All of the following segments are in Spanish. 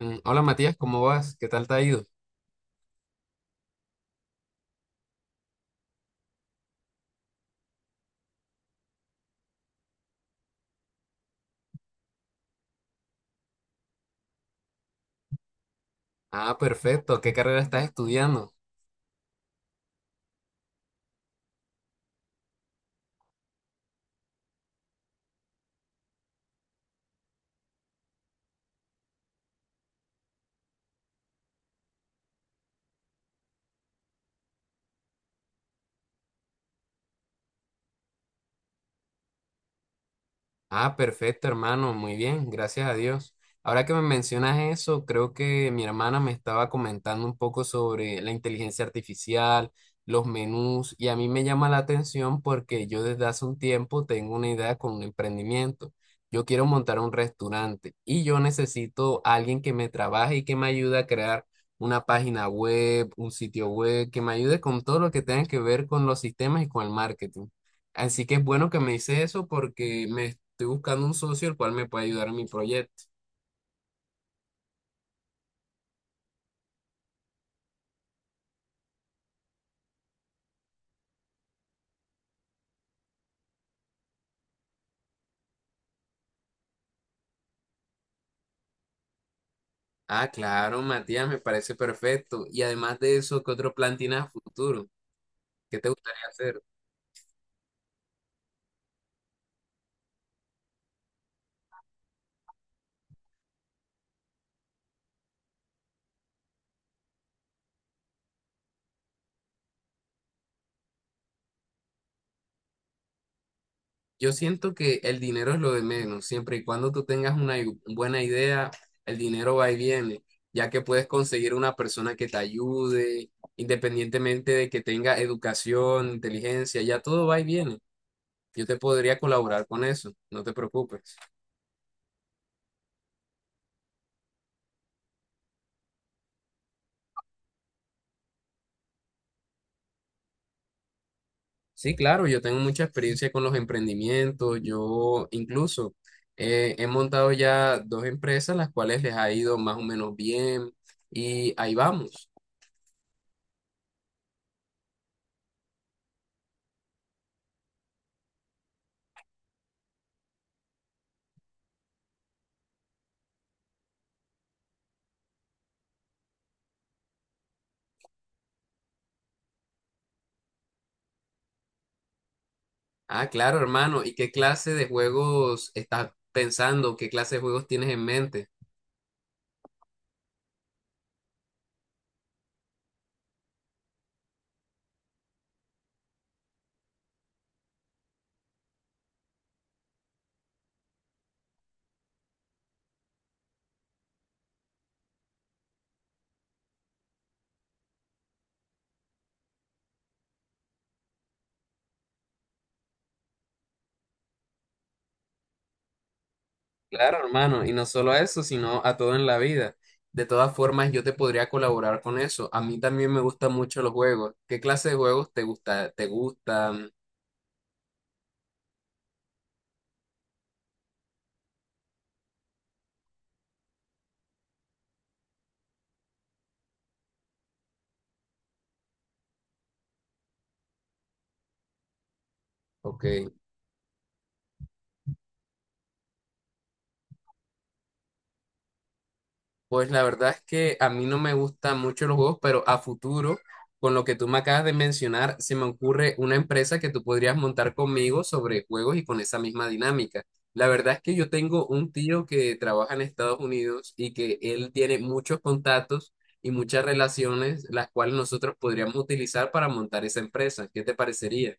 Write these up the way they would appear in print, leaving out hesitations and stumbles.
Hola Matías, ¿cómo vas? ¿Qué tal te ha ido? Ah, perfecto. ¿Qué carrera estás estudiando? Ah, perfecto, hermano, muy bien, gracias a Dios. Ahora que me mencionas eso, creo que mi hermana me estaba comentando un poco sobre la inteligencia artificial, los menús, y a mí me llama la atención porque yo desde hace un tiempo tengo una idea con un emprendimiento. Yo quiero montar un restaurante y yo necesito a alguien que me trabaje y que me ayude a crear una página web, un sitio web, que me ayude con todo lo que tenga que ver con los sistemas y con el marketing. Así que es bueno que me dices eso porque me estoy buscando un socio el cual me pueda ayudar en mi proyecto. Ah, claro, Matías, me parece perfecto. Y además de eso, ¿qué otro plan tienes a futuro? ¿Qué te gustaría hacer? Yo siento que el dinero es lo de menos. Siempre y cuando tú tengas una buena idea, el dinero va y viene, ya que puedes conseguir una persona que te ayude, independientemente de que tenga educación, inteligencia, ya todo va y viene. Yo te podría colaborar con eso, no te preocupes. Sí, claro, yo tengo mucha experiencia con los emprendimientos. Yo incluso he montado ya dos empresas, las cuales les ha ido más o menos bien y ahí vamos. Ah, claro, hermano. ¿Y qué clase de juegos estás pensando? ¿Qué clase de juegos tienes en mente? Claro, hermano. Y no solo a eso, sino a todo en la vida. De todas formas, yo te podría colaborar con eso. A mí también me gustan mucho los juegos. ¿Qué clase de juegos te gusta, te gustan? Ok. Pues la verdad es que a mí no me gustan mucho los juegos, pero a futuro, con lo que tú me acabas de mencionar, se me ocurre una empresa que tú podrías montar conmigo sobre juegos y con esa misma dinámica. La verdad es que yo tengo un tío que trabaja en Estados Unidos y que él tiene muchos contactos y muchas relaciones, las cuales nosotros podríamos utilizar para montar esa empresa. ¿Qué te parecería?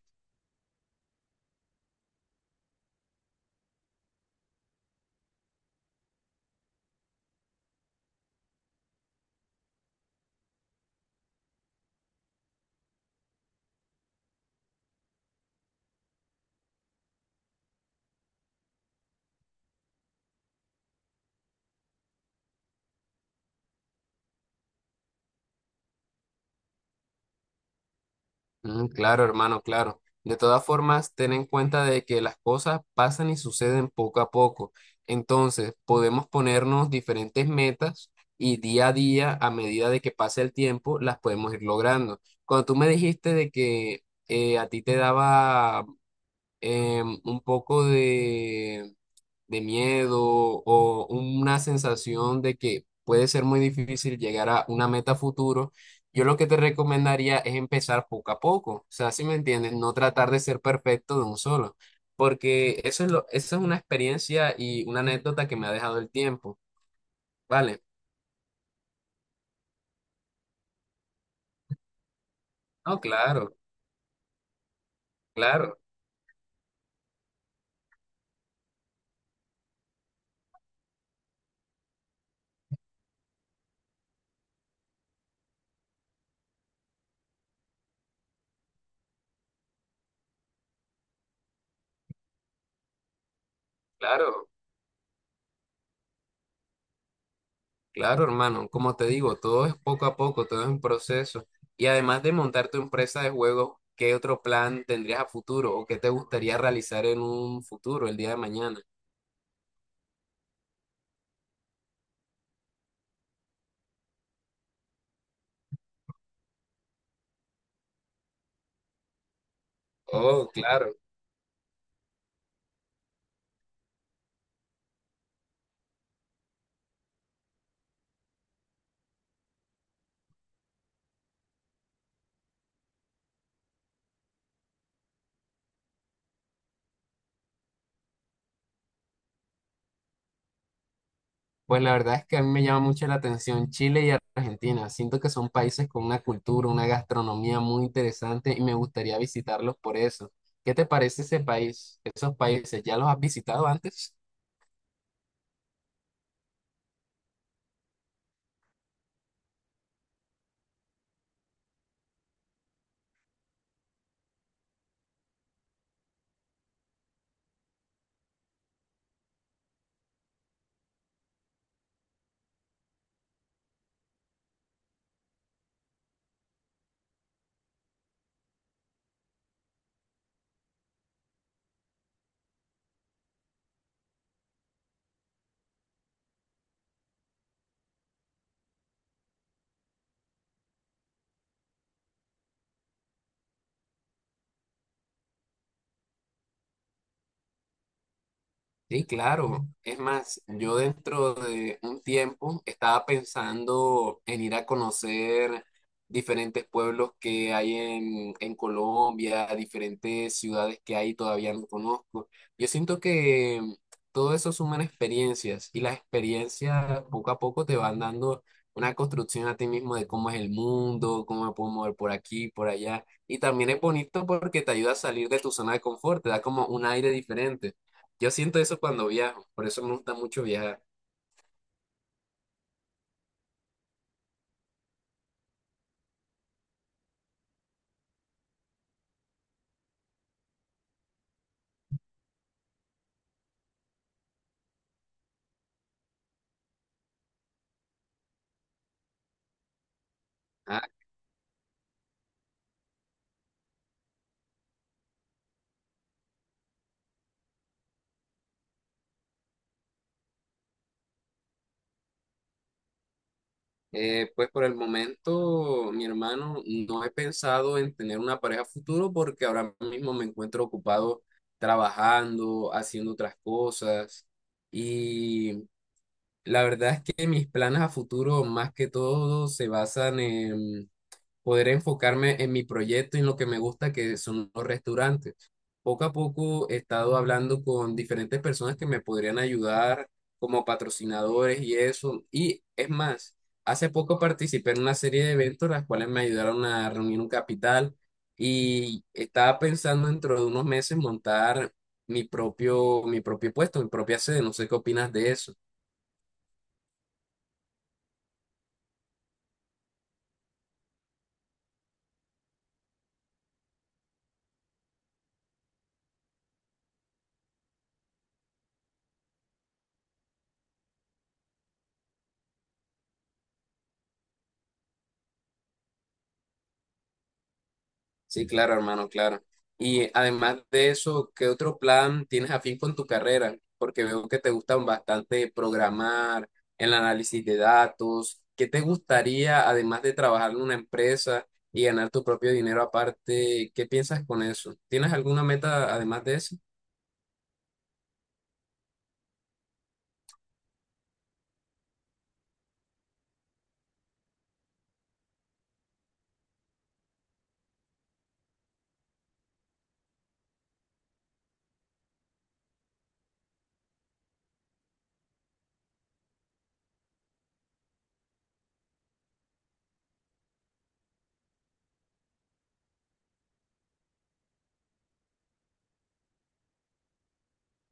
Mm, claro, hermano, claro. De todas formas, ten en cuenta de que las cosas pasan y suceden poco a poco. Entonces, podemos ponernos diferentes metas y día a día, a medida de que pase el tiempo, las podemos ir logrando. Cuando tú me dijiste de que a ti te daba un poco de miedo o una sensación de que puede ser muy difícil llegar a una meta futuro, yo lo que te recomendaría es empezar poco a poco. O sea, si me entiendes, no tratar de ser perfecto de un solo, porque eso es lo, eso es una experiencia y una anécdota que me ha dejado el tiempo, ¿vale? No, claro, claro, claro. Claro, hermano, como te digo, todo es poco a poco, todo es un proceso. Y además de montar tu empresa de juegos, ¿qué otro plan tendrías a futuro o qué te gustaría realizar en un futuro, el día de mañana? Oh, claro. Pues la verdad es que a mí me llama mucho la atención Chile y Argentina. Siento que son países con una cultura, una gastronomía muy interesante y me gustaría visitarlos por eso. ¿Qué te parece ese país, esos países? ¿Ya los has visitado antes? Sí, claro. Es más, yo dentro de un tiempo estaba pensando en ir a conocer diferentes pueblos que hay en Colombia, diferentes ciudades que hay todavía no conozco. Yo siento que todo eso suman experiencias y las experiencias poco a poco te van dando una construcción a ti mismo de cómo es el mundo, cómo me puedo mover por aquí, por allá. Y también es bonito porque te ayuda a salir de tu zona de confort, te da como un aire diferente. Yo siento eso cuando viajo, por eso me gusta mucho viajar. Ah, pues por el momento, mi hermano, no he pensado en tener una pareja futuro porque ahora mismo me encuentro ocupado trabajando, haciendo otras cosas y la verdad es que mis planes a futuro más que todo se basan en poder enfocarme en mi proyecto y en lo que me gusta, que son los restaurantes. Poco a poco he estado hablando con diferentes personas que me podrían ayudar como patrocinadores y eso. Y es más, hace poco participé en una serie de eventos, las cuales me ayudaron a reunir un capital y estaba pensando dentro de unos meses montar mi propio puesto, mi propia sede. No sé qué opinas de eso. Sí, claro, hermano, claro. Y además de eso, ¿qué otro plan tienes afín con tu carrera? Porque veo que te gustan bastante programar, el análisis de datos. ¿Qué te gustaría, además de trabajar en una empresa y ganar tu propio dinero aparte? ¿Qué piensas con eso? ¿Tienes alguna meta además de eso?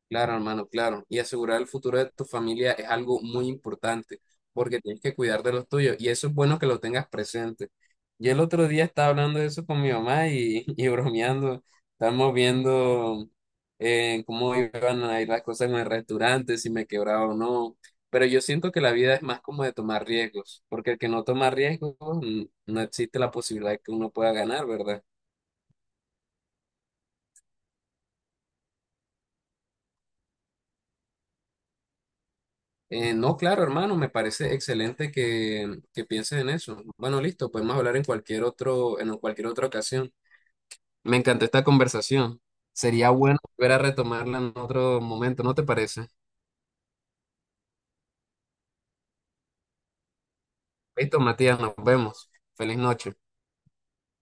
Claro, hermano, claro. Y asegurar el futuro de tu familia es algo muy importante porque tienes que cuidar de los tuyos y eso es bueno que lo tengas presente. Yo el otro día estaba hablando de eso con mi mamá y, y bromeando. Estábamos viendo cómo iban a ir las cosas en el restaurante, si me quebraba o no. Pero yo siento que la vida es más como de tomar riesgos, porque el que no toma riesgos no existe la posibilidad de que uno pueda ganar, ¿verdad? No, claro, hermano, me parece excelente que pienses en eso. Bueno, listo, podemos hablar en cualquier en cualquier otra ocasión. Me encantó esta conversación. Sería bueno volver a retomarla en otro momento, ¿no te parece? Listo, Matías, nos vemos. Feliz noche.